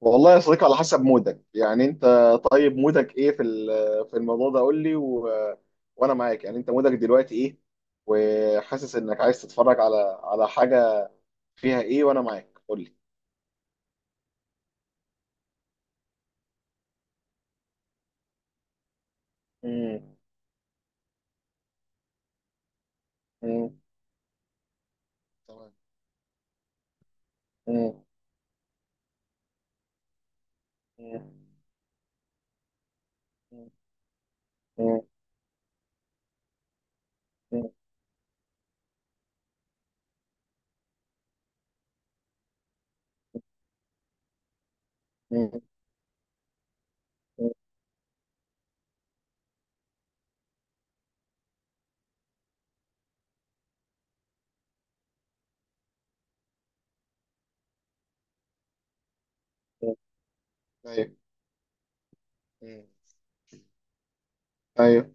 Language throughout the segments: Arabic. والله يا صديقي، على حسب مودك يعني انت. طيب مودك ايه في في الموضوع ده؟ قول لي وانا معاك يعني. انت مودك دلوقتي ايه، وحاسس انك عايز تتفرج على حاجة فيها ايه؟ وانا معاك، قول لي. مم. مم. تمام. مم. مم. مم. مم. مم. مم. مم. ايوه. مم. ايوه.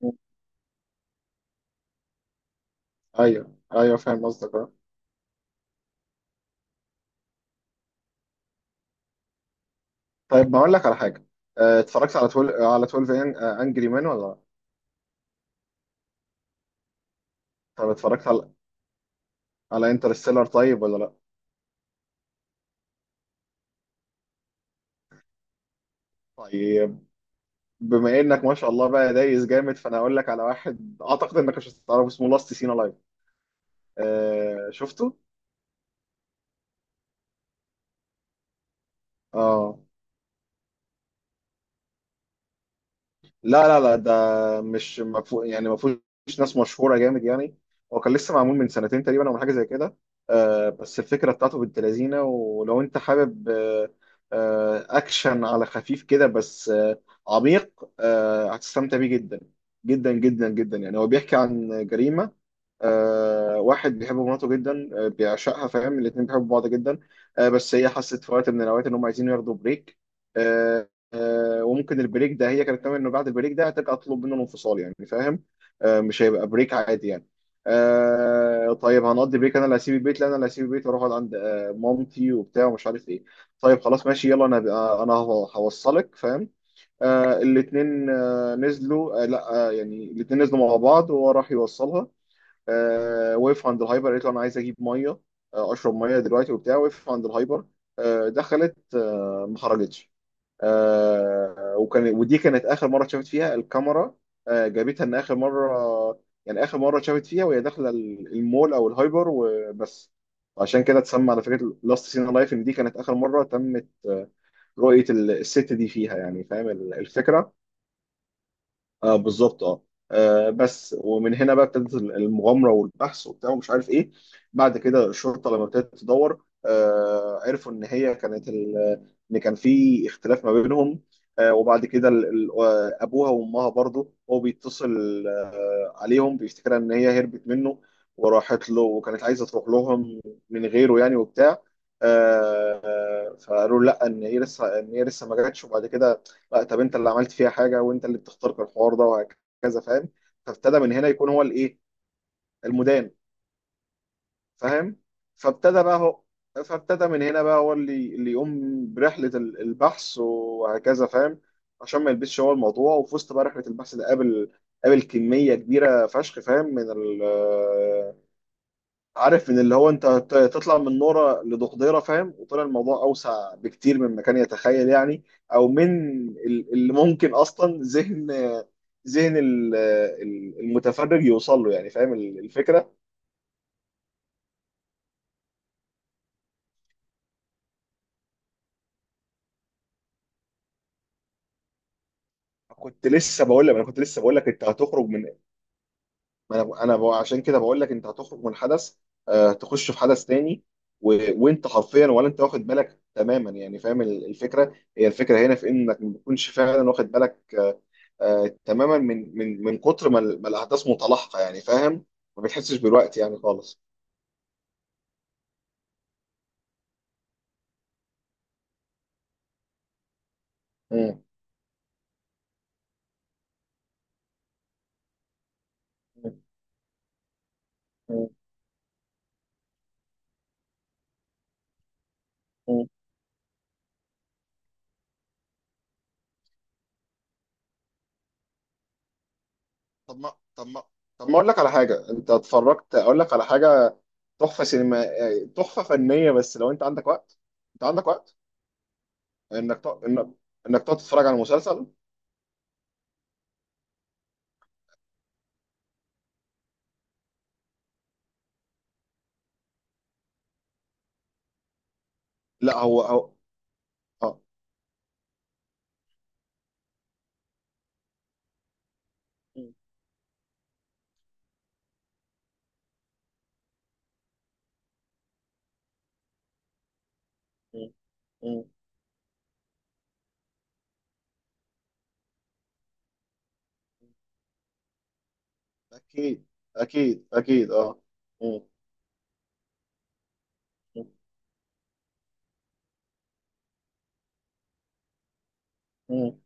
مم. ايوه ايوه، فاهم قصدك، اه. طيب ما اقول لك على حاجة. اه، اتفرجت على 12، على 12 انجري مان ولا لا؟ طب اتفرجت على انترستيلر طيب ولا لا؟ طيب بما انك ما شاء الله بقى دايس جامد، فانا اقول لك على واحد اعتقد انك مش هتعرفه، اسمه لاست سينا لايف. آه، شفته؟ اه. لا لا لا، ده مش مفهو يعني، ما فيهوش ناس مشهوره جامد يعني. هو كان لسه معمول من سنتين تقريبا او من حاجه زي كده. آه بس الفكره بتاعته بنت لذينه، ولو انت حابب اكشن على خفيف كده بس عميق، آه هتستمتع بيه جدا جدا جدا جدا. يعني هو بيحكي عن جريمه. واحد بيحب مراته جدا، آه بيعشقها، فاهم، الاتنين بيحبوا بعض جدا. آه بس هي حست في وقت من الاوقات ان هم عايزين ياخدوا بريك. آه وممكن البريك ده هي كانت تعمل انه بعد البريك ده هتبقى تطلب منه الانفصال يعني، فاهم؟ آه مش هيبقى بريك عادي يعني. طيب هنقضي بريك، انا اللي هسيب البيت، لا انا اللي هسيب البيت واروح اقعد عند مامتي وبتاع ومش عارف ايه. طيب خلاص ماشي، يلا انا انا هوصلك، فاهم. الاتنين نزلوا، لا يعني الاتنين نزلوا مع بعض وهو راح يوصلها. آه وقف عند الهايبر، قالت له انا عايز اجيب ميه، اشرب ميه دلوقتي وبتاع. وقف عند الهايبر، دخلت، ما خرجتش. آه وكان ودي كانت اخر مره اتشافت فيها الكاميرا، آه جابتها ان اخر مره، يعني اخر مره اتشافت فيها وهي داخله المول او الهايبر، وبس. عشان كده اتسمى على فكره لاست سين لايف، ان دي كانت اخر مره تمت رؤيه الست دي فيها يعني، فاهم الفكره. اه بالظبط اه. بس ومن هنا بقى ابتدت المغامره والبحث وبتاع ومش عارف ايه. بعد كده الشرطه لما ابتدت تدور، عرفوا ان هي كانت ان كان في اختلاف ما بينهم. وبعد كده ابوها وامها برضه هو بيتصل عليهم، بيفتكرها ان هي هربت منه وراحت له، وكانت عايزه تروح لهم من غيره يعني وبتاع. فقالوا لا، ان هي لسه ما جاتش. وبعد كده لا، طب انت اللي عملت فيها حاجه، وانت اللي بتخترق الحوار ده وهكذا، فاهم. فابتدى من هنا يكون هو الايه، المدان، فاهم. فابتدى بقى هو فابتدى من هنا بقى هو اللي يقوم برحله البحث وهكذا، فاهم، عشان ما يلبسش هو الموضوع. وفي وسط بقى رحله البحث ده، قابل كميه كبيره فشخ، فاهم، من ال، عارف، ان اللي هو انت تطلع من نوره لدقديره فاهم، وطلع الموضوع اوسع بكتير مما كان يتخيل يعني، او من اللي ممكن اصلا ذهن المتفرج يوصل له يعني، فاهم الفكره. كنت لسه بقول لك انت هتخرج من، ما انا ب- انا ب- عشان كده بقول لك انت هتخرج من حدث تخش في حدث تاني و... وانت حرفيا ولا انت واخد بالك تماما يعني، فاهم الفكره. هي الفكره هنا في انك ما تكونش فعلا واخد بالك تماما من كتر ما الاحداث متلاحقه يعني، فاهم، ما بتحسش بالوقت يعني خالص. مم. مم. مم. مم. طب ما طب ما طب ما اقول لك على حاجه. انت اتفرجت، اقول لك على حاجه، تحفه سينما، تحفه فنيه، بس لو انت عندك وقت، انت عندك وقت انك ت... انك انك تقعد تتفرج على مسلسل. لا هو اه. م- م- م. اكيد اكيد اكيد اه. م- م- م-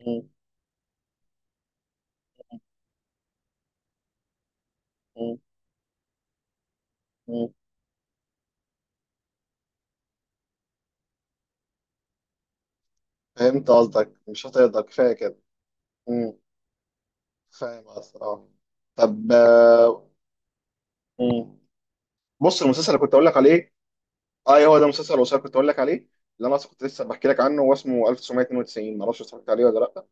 م- م- م. فهمت قصدك، مش هتقدر كفايه كده. م. فاهم قصدك، اه. طب م. بص المسلسل اللي كنت اقول لك عليه، اه هو ده مسلسل الوثائقي كنت اقول لك عليه، اللي انا أصلاً كنت لسه بحكي لك عنه، هو اسمه 1992. ما اعرفش اتفرجت عليه ولا لا؟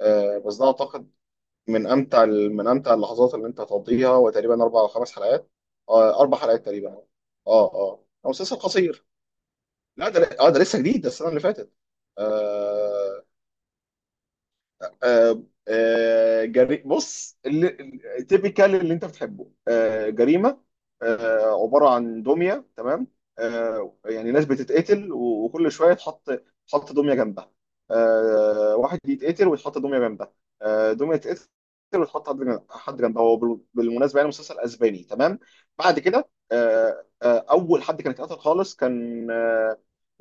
آه بس ده اعتقد من امتع اللحظات اللي انت هتقضيها. هو تقريبا اربع او خمس حلقات، اربع حلقات تقريبا اه. اه هو مسلسل قصير. لا ده اه، ده لسه جديد، ده السنه اللي فاتت. آه. جري، بص، اللي تيبيكال اللي انت بتحبه، جريمه. عباره عن دميه، تمام. يعني ناس بتتقتل وكل شويه تحط دميه جنبها. واحد يتقتل ويتحط دميه جنبها، دميه تتقتل وتحط حد حد جنبها. هو بالمناسبه يعني مسلسل اسباني، تمام. بعد كده اول حد كان اتقتل خالص، كان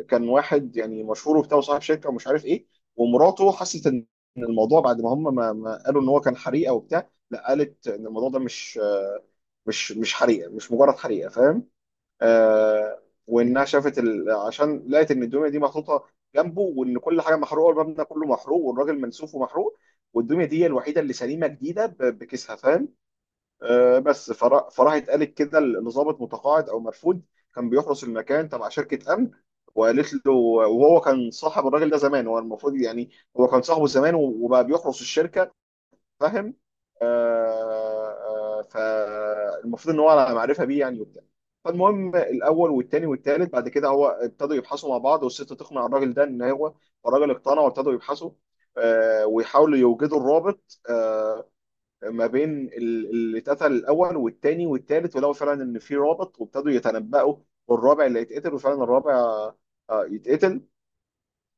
كان واحد يعني مشهور وبتاع وصاحب شركه ومش عارف ايه. ومراته حست ان، ان الموضوع بعد ما هم ما قالوا ان هو كان حريقه وبتاع، لا، قالت ان الموضوع ده مش، مش حريقه، مش مجرد حريقه، فاهم. وانها شافت ال، عشان لقت ان الدميه دي محطوطه جنبه، وان كل حاجه محروقه والمبنى كله محروق والراجل منسوف ومحروق، والدميه دي هي الوحيده اللي سليمه جديده بكيسها، فاهم. بس فراحت قالت كده، اللي ظابط متقاعد او مرفوض، كان بيحرس المكان تبع شركه امن. وقالت له، وهو كان صاحب الراجل ده زمان، هو المفروض يعني، هو كان صاحبه زمان وبقى بيحرس الشركه، فاهم. آه، فالمفروض ان هو على معرفه بيه يعني وبتاع. فالمهم، الاول والتاني والتالت بعد كده، هو ابتدوا يبحثوا مع بعض، والست تقنع الراجل ده ان هو، الراجل اقتنع وابتدوا يبحثوا ويحاولوا يوجدوا الرابط ما بين اللي اتقتل الاول والتاني والتالت. ولقوا فعلا ان في رابط، وابتدوا يتنبأوا والرابع اللي هيتقتل، وفعلا الرابع يتقتل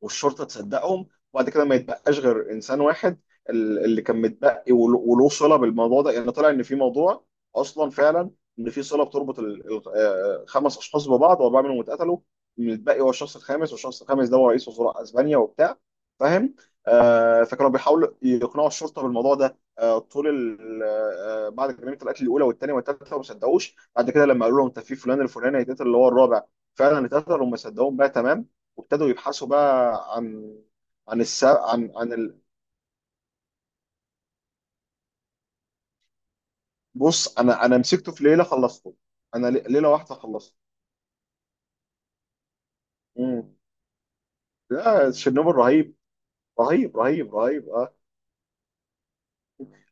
والشرطه تصدقهم. وبعد كده ما يتبقاش غير انسان واحد اللي كان متبقي وله صله بالموضوع ده يعني. طلع ان في موضوع اصلا فعلا، ان في صله بتربط خمس اشخاص ببعض، واربعه منهم اتقتلوا، المتبقي هو الشخص الخامس. والشخص الخامس ده هو رئيس وزراء اسبانيا وبتاع، فاهم. آه فكانوا بيحاولوا يقنعوا الشرطه بالموضوع ده آه طول آه بعد جريمه القتل الاولى والثانيه والثالثه، وما صدقوش. بعد كده لما قالوا لهم انت في فلان الفلاني هيتقتل اللي هو الرابع، فعلا اتقتل وما صدقوهم بقى، تمام. وابتدوا يبحثوا بقى عن، عن السبب، بص انا مسكته في ليله خلصته، انا ليله واحده خلصته. امم. لا تشيرنوبل رهيب، رهيب رهيب رهيب اه.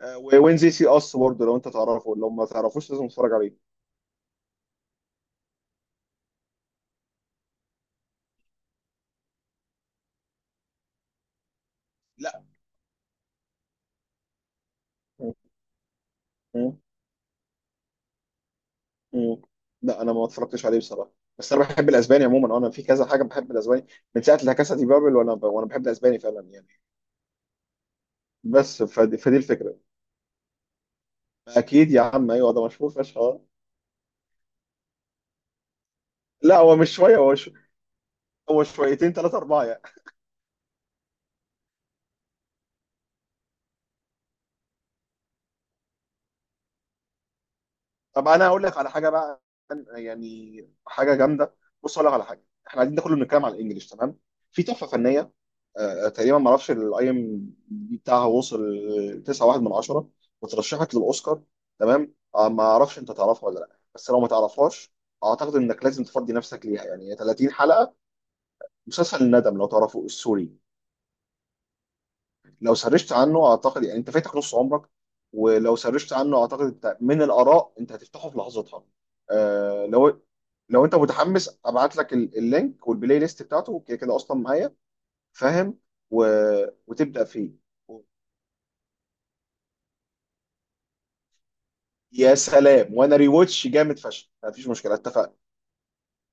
وين زي سي اس برضه، لو انت تعرفه، لو ما تعرفوش لازم تتفرج عليه. لا. مم. مم. مم. لا انا ما اتفرجتش عليه بصراحه، بس انا بحب الاسباني عموما، انا في كذا حاجه بحب الاسباني، من ساعه لا كاسا دي بابل وانا وانا بحب الاسباني فعلا يعني. بس فدي الفكره. اكيد يا عم، ايوه ده مشهور فشخ آه. لا هو مش شويه، هو شويتين ثلاثة أربعة يعني. طب أنا هقول لك على حاجة بقى، يعني حاجة جامدة. بص هقول لك على حاجة، إحنا قاعدين ده كله بنتكلم على الإنجليش، تمام. في تحفة فنية، تقريبا ما اعرفش الاي ام دي بتاعها وصل 9.1 من 10، وترشحت للاوسكار، تمام. ما اعرفش انت تعرفها ولا لا، بس لو ما تعرفهاش اعتقد انك لازم تفضي نفسك ليها يعني، هي 30 حلقه. مسلسل الندم، لو تعرفه، السوري. لو سرشت عنه اعتقد يعني انت فاتك نص عمرك، ولو سرشت عنه اعتقد انت من الاراء انت هتفتحه في لحظتها. آه لو، لو انت متحمس ابعت لك اللينك والبلاي ليست بتاعته، كده كده اصلا معايا، فاهم، و... وتبدا فيه. يا سلام، وانا ريواتش جامد فشخ، مفيش مشكله، اتفقنا.